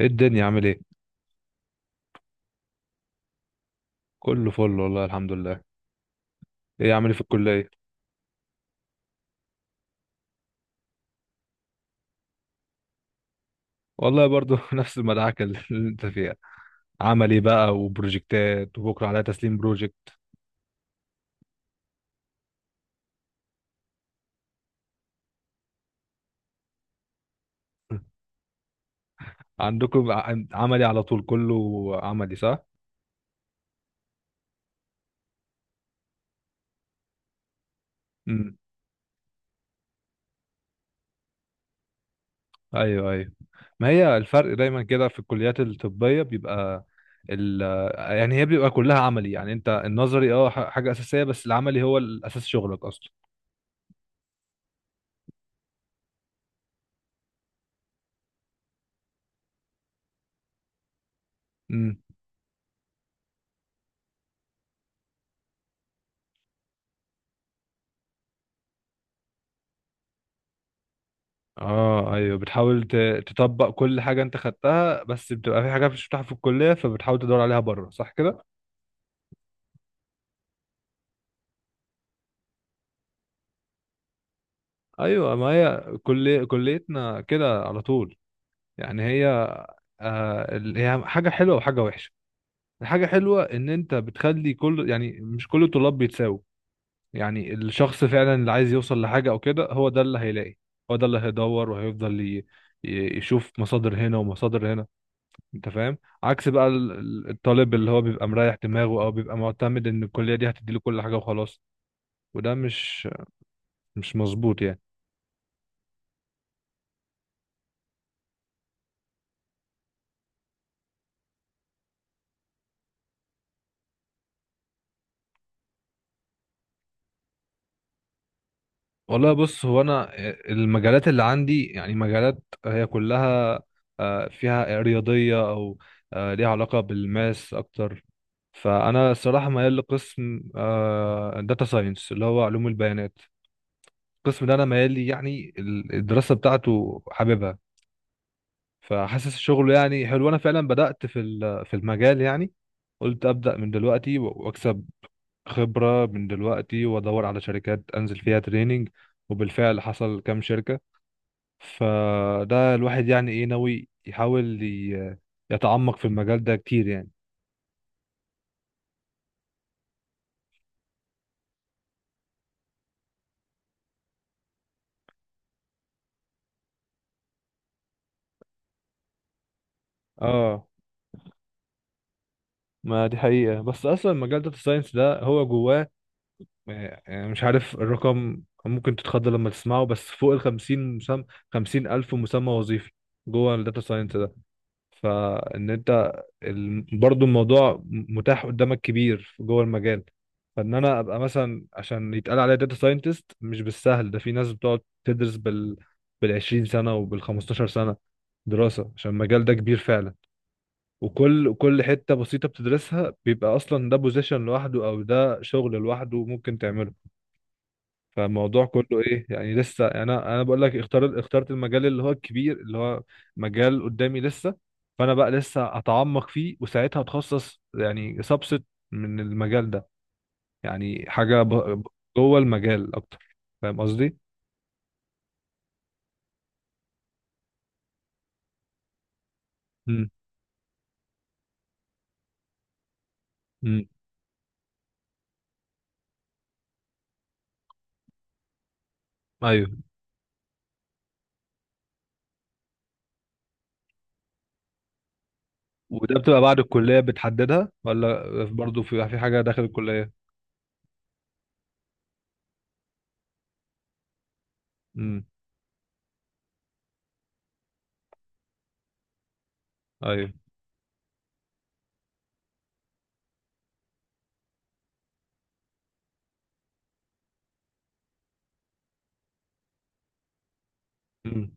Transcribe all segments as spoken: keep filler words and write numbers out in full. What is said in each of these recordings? ايه الدنيا عامل ايه؟ كله فل، والله الحمد لله. ايه عامل ايه في الكليه؟ والله برضو نفس المدعكه اللي انت فيها. عملي بقى وبروجكتات، وبكره عليها تسليم بروجكت. عندكم ع- عملي على طول كله. عملي صح؟ امم. ايوه، ايوه. ما هي الفرق دايما كده في الكليات الطبيه بيبقى ال يعني هي بيبقى كلها عملي، يعني انت النظري اه ح- حاجه اساسيه، بس العملي هو الاساس شغلك اصلا. اه، ايوه، بتحاول ت- تطبق كل حاجه انت خدتها، بس بتبقى في حاجات مش بتاعها في الكليه، فبتحاول تدور عليها بره. صح كده؟ ايوه، ما هي كليه كليتنا كده على طول. يعني هي، آه ال- هي حاجه حلوه وحاجه وحشه. الحاجه حلوه ان انت بتخلي كل، يعني مش كل الطلاب بيتساووا. يعني الشخص فعلا اللي عايز يوصل لحاجه او كده، هو ده اللي هيلاقي. هو ده اللي هيدور وهيفضل ي- ي- يشوف مصادر هنا ومصادر هنا. انت فاهم؟ عكس بقى ال- ال- الطالب اللي هو بيبقى مريح دماغه او بيبقى معتمد ان الكليه دي هتديله كل حاجه وخلاص. وده مش مش مظبوط يعني. والله بص، هو انا المجالات اللي عندي، يعني مجالات هي كلها آه، فيها رياضيه، او آه، ليها علاقه بالماس اكتر. فانا الصراحه ميال لقسم داتا ساينس، اللي هو علوم البيانات. القسم ده انا ميال لي، يعني ال- الدراسه بتاعته حاببها. فحاسس شغله يعني حلو. انا فعلا بدأت في ال- في المجال يعني. قلت أبدأ من دلوقتي و- واكسب خبرة من دلوقتي، وادور على شركات انزل فيها تريننج. وبالفعل حصل كام شركة. فده الواحد يعني ايه؟ ناوي يحاول ي- يتعمق في المجال ده كتير يعني. اه، ما دي حقيقة، بس اصلا مجال داتا ساينس ده هو جواه آه، آه، مش عارف الرقم، ممكن تتخض لما تسمعه. بس فوق ال خمسين مسمى، خمسين الف مسمى وظيفي جوه الداتا ساينس ده. فان انت، ال- برضو الموضوع متاح قدامك كبير جوه المجال. فان انا ابقى مثلا عشان يتقال عليا داتا ساينتست مش بالسهل. ده في ناس بتقعد تدرس بال بال عشرين سنه، وبال خمستاشر سنه دراسه، عشان المجال ده كبير فعلا. وكل كل حته بسيطه بتدرسها بيبقى اصلا ده بوزيشن لوحده، او ده شغل لوحده ممكن تعمله. فالموضوع كله ايه يعني؟ لسه، يعني انا انا بقول لك اختار اخترت المجال اللي هو الكبير، اللي هو مجال قدامي لسه. فانا بقى لسه اتعمق فيه، وساعتها اتخصص يعني سبست من المجال ده. يعني حاجه ب... ب- جوه المجال اكتر. فاهم قصدي؟ امم. امم. ايوه. وده بتبقى بعد الكليه بتحددها، ولا برضو في في حاجه داخل الكليه؟ امم. ايوه. امم.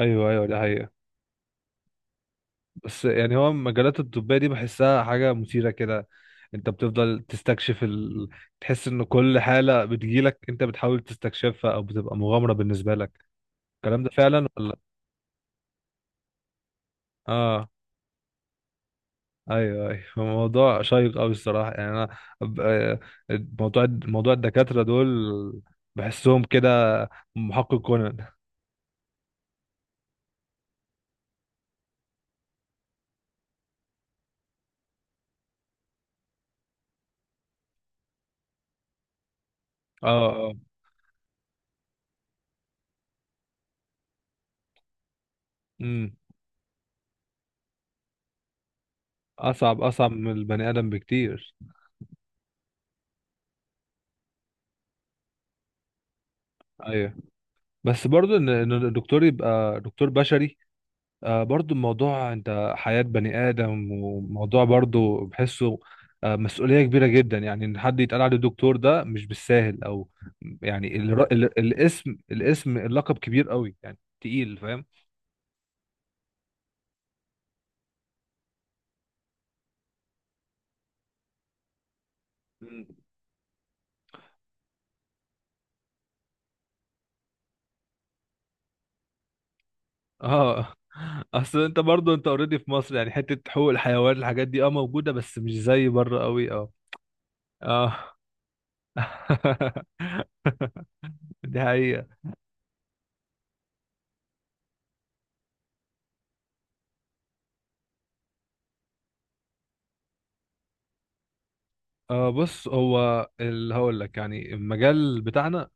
ايوه، ايوه، ده حقيقة. بس يعني هو المجالات الطبية دي بحسها حاجة مثيرة كده. انت بتفضل تستكشف ال... تحس ان كل حالة بتجيلك انت بتحاول تستكشفها، او بتبقى مغامرة بالنسبة لك. الكلام ده فعلا ولا؟ اه، ايوه، ايوه، الموضوع شيق قوي الصراحة. يعني انا ب- آه، موضوع موضوع الدكاترة دول بحسهم كده محقق كونان. اه. اه. امم. اصعب، اصعب من البني ادم بكتير. ايوه، بس برضو ان إن الدكتور يبقى دكتور بشري، آه، برضو الموضوع انت حياة بني آدم، وموضوع برضو بحسه آه، مسؤولية كبيرة جدا. يعني ان حد يتقال عليه دكتور ده مش بالساهل، او يعني الر- ال- الاسم الاسم اللقب كبير قوي يعني تقيل. فاهم؟ مم. اه، اصل انت برضو انت اوريدي في مصر، يعني حتة حقوق الحيوان، الحاجات دي اه موجودة، بس مش زي بره قوي، اه اه دي حقيقة. آه بص، هو اللي هقول لك يعني المجال بتاعنا،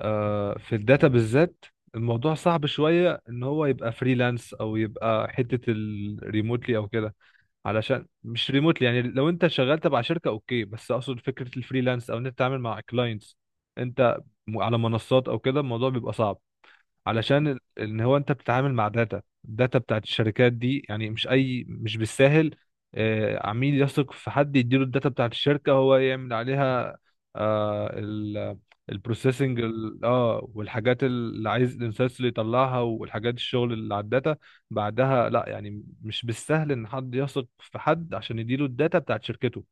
آه، في الداتا بالذات، الموضوع صعب شوية ان هو يبقى فريلانس، او يبقى حتة الريموتلي او كده. علشان مش ريموتلي، يعني لو انت شغال تبع شركة اوكي، بس اقصد فكرة الفريلانس، او ان انت تتعامل مع كلاينتس انت م- على منصات او كده، الموضوع بيبقى صعب، علشان ال- ان هو انت بتتعامل مع داتا الداتا بتاعت الشركات دي، يعني مش اي، مش بالساهل. آه، عميل يثق في حد يديله الداتا بتاعت الشركة هو يعمل عليها، آه ال البروسيسنج. اه، والحاجات اللي عايز الانسايتس اللي يطلعها، والحاجات الشغل اللي على الداتا بعدها. لا يعني مش بالسهل ان حد يثق في حد عشان يديله الداتا بتاعت شركته.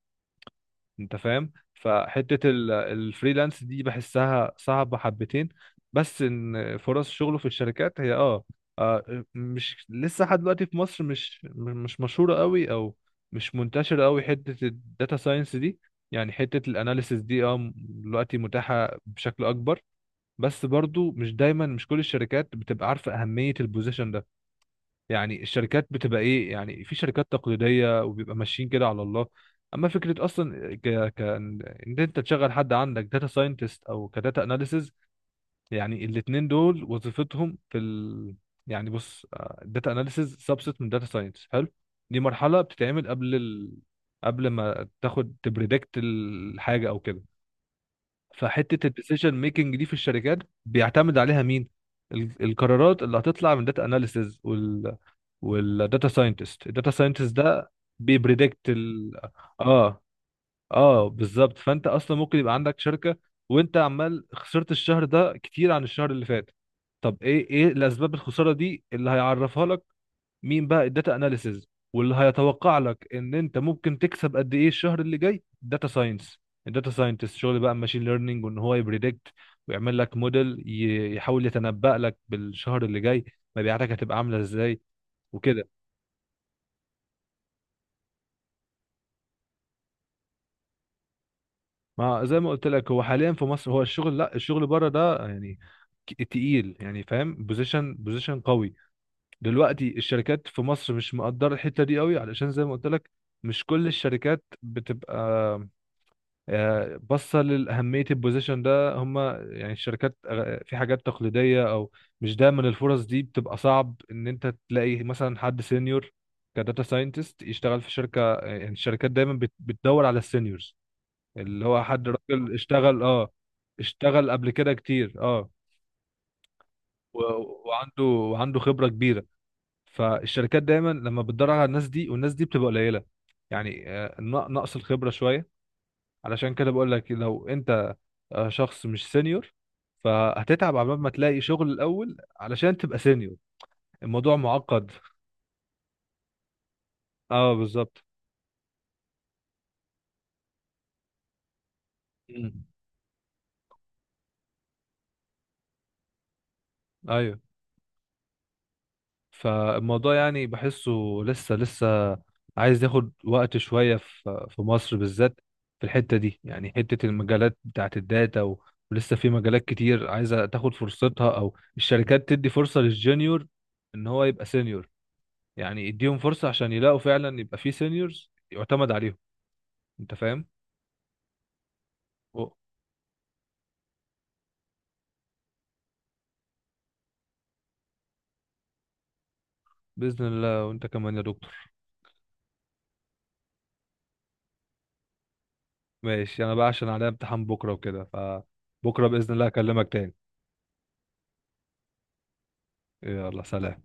انت فاهم؟ فحتة ال- الفريلانس دي بحسها صعبة حبتين. بس ان فرص شغله في الشركات هي، اه آه، مش لسه لحد دلوقتي في مصر مش مش مشهورة قوي، او مش منتشرة قوي حتة الداتا ساينس دي. يعني حتة الاناليسيس دي اه دلوقتي متاحة بشكل اكبر، بس برضو مش دايما، مش كل الشركات بتبقى عارفة اهمية البوزيشن ده. يعني الشركات بتبقى ايه يعني؟ في شركات تقليديه وبيبقى ماشيين كده على الله. اما فكره اصلا، ك... ك... ان انت تشغل حد عندك داتا ساينتست، او كداتا اناليسز، يعني الاتنين دول وظيفتهم في ال... يعني بص، الداتا اناليسز سبست من داتا ساينس، حلو. دي مرحله بتتعمل قبل ال... قبل ما تاخد تبريدكت الحاجه او كده. فحته الديسيجن ميكنج دي في الشركات، بيعتمد عليها مين؟ ال- القرارات اللي هتطلع من داتا اناليسز. والداتا ساينتست الداتا ساينتست ده بيبريدكت ال اه، اه، بالظبط. فانت اصلا ممكن يبقى عندك شركه وانت عمال خسرت الشهر ده كتير عن الشهر اللي فات. طب، ايه ايه الاسباب الخساره دي اللي هيعرفها لك؟ مين بقى؟ الداتا اناليسز. واللي هيتوقع لك ان انت ممكن تكسب قد ايه الشهر اللي جاي، داتا ساينس. الداتا ساينتست شغل بقى ماشين ليرنينج، وان هو يبريدكت ويعمل لك موديل يحاول يتنبأ لك بالشهر اللي جاي مبيعاتك هتبقى عامله ازاي وكده. ما زي ما قلت لك، هو حاليا في مصر هو الشغل، لا، الشغل بره ده يعني ك- تقيل يعني، فاهم، بوزيشن بوزيشن قوي. دلوقتي الشركات في مصر مش مقدره الحته دي قوي، علشان زي ما قلت لك مش كل الشركات بتبقى آه، باصه لاهميه البوزيشن ده. هم يعني الشركات، آه، في حاجات تقليديه، او مش دايما. الفرص دي بتبقى صعب ان انت تلاقي مثلا حد سينيور كداتا ساينتست يشتغل في شركه، يعني الشركات دايما بت- بتدور على السينيورز، اللي هو حد راجل اشتغل، اه، اشتغل قبل كده كتير، اه و- وعنده وعنده خبرة كبيرة. فالشركات دايما لما بتدور على الناس دي، والناس دي بتبقى قليلة، يعني آه، ن- نقص الخبرة شوية. علشان كده بقول لك لو انت آه، شخص مش سينيور، فهتتعب عبال ما تلاقي شغل الأول علشان تبقى سينيور. الموضوع معقد. اه، بالظبط. مم. ايوه. فالموضوع يعني بحسه لسه، لسه عايز ياخد وقت شوية، في في مصر بالذات، في الحتة دي، يعني حتة المجالات بتاعت الداتا و- ولسه في مجالات كتير عايزة تاخد فرصتها، أو الشركات تدي فرصة للجونيور إن هو يبقى سينيور. يعني يديهم فرصة عشان يلاقوا فعلا يبقى في سينيورز يعتمد عليهم. أنت فاهم؟ و- بإذن الله، وأنت كمان يا دكتور. ماشي. أنا بقى عشان عليا امتحان بكرة وكده، فبكرة بإذن الله أكلمك تاني. يلا، سلام.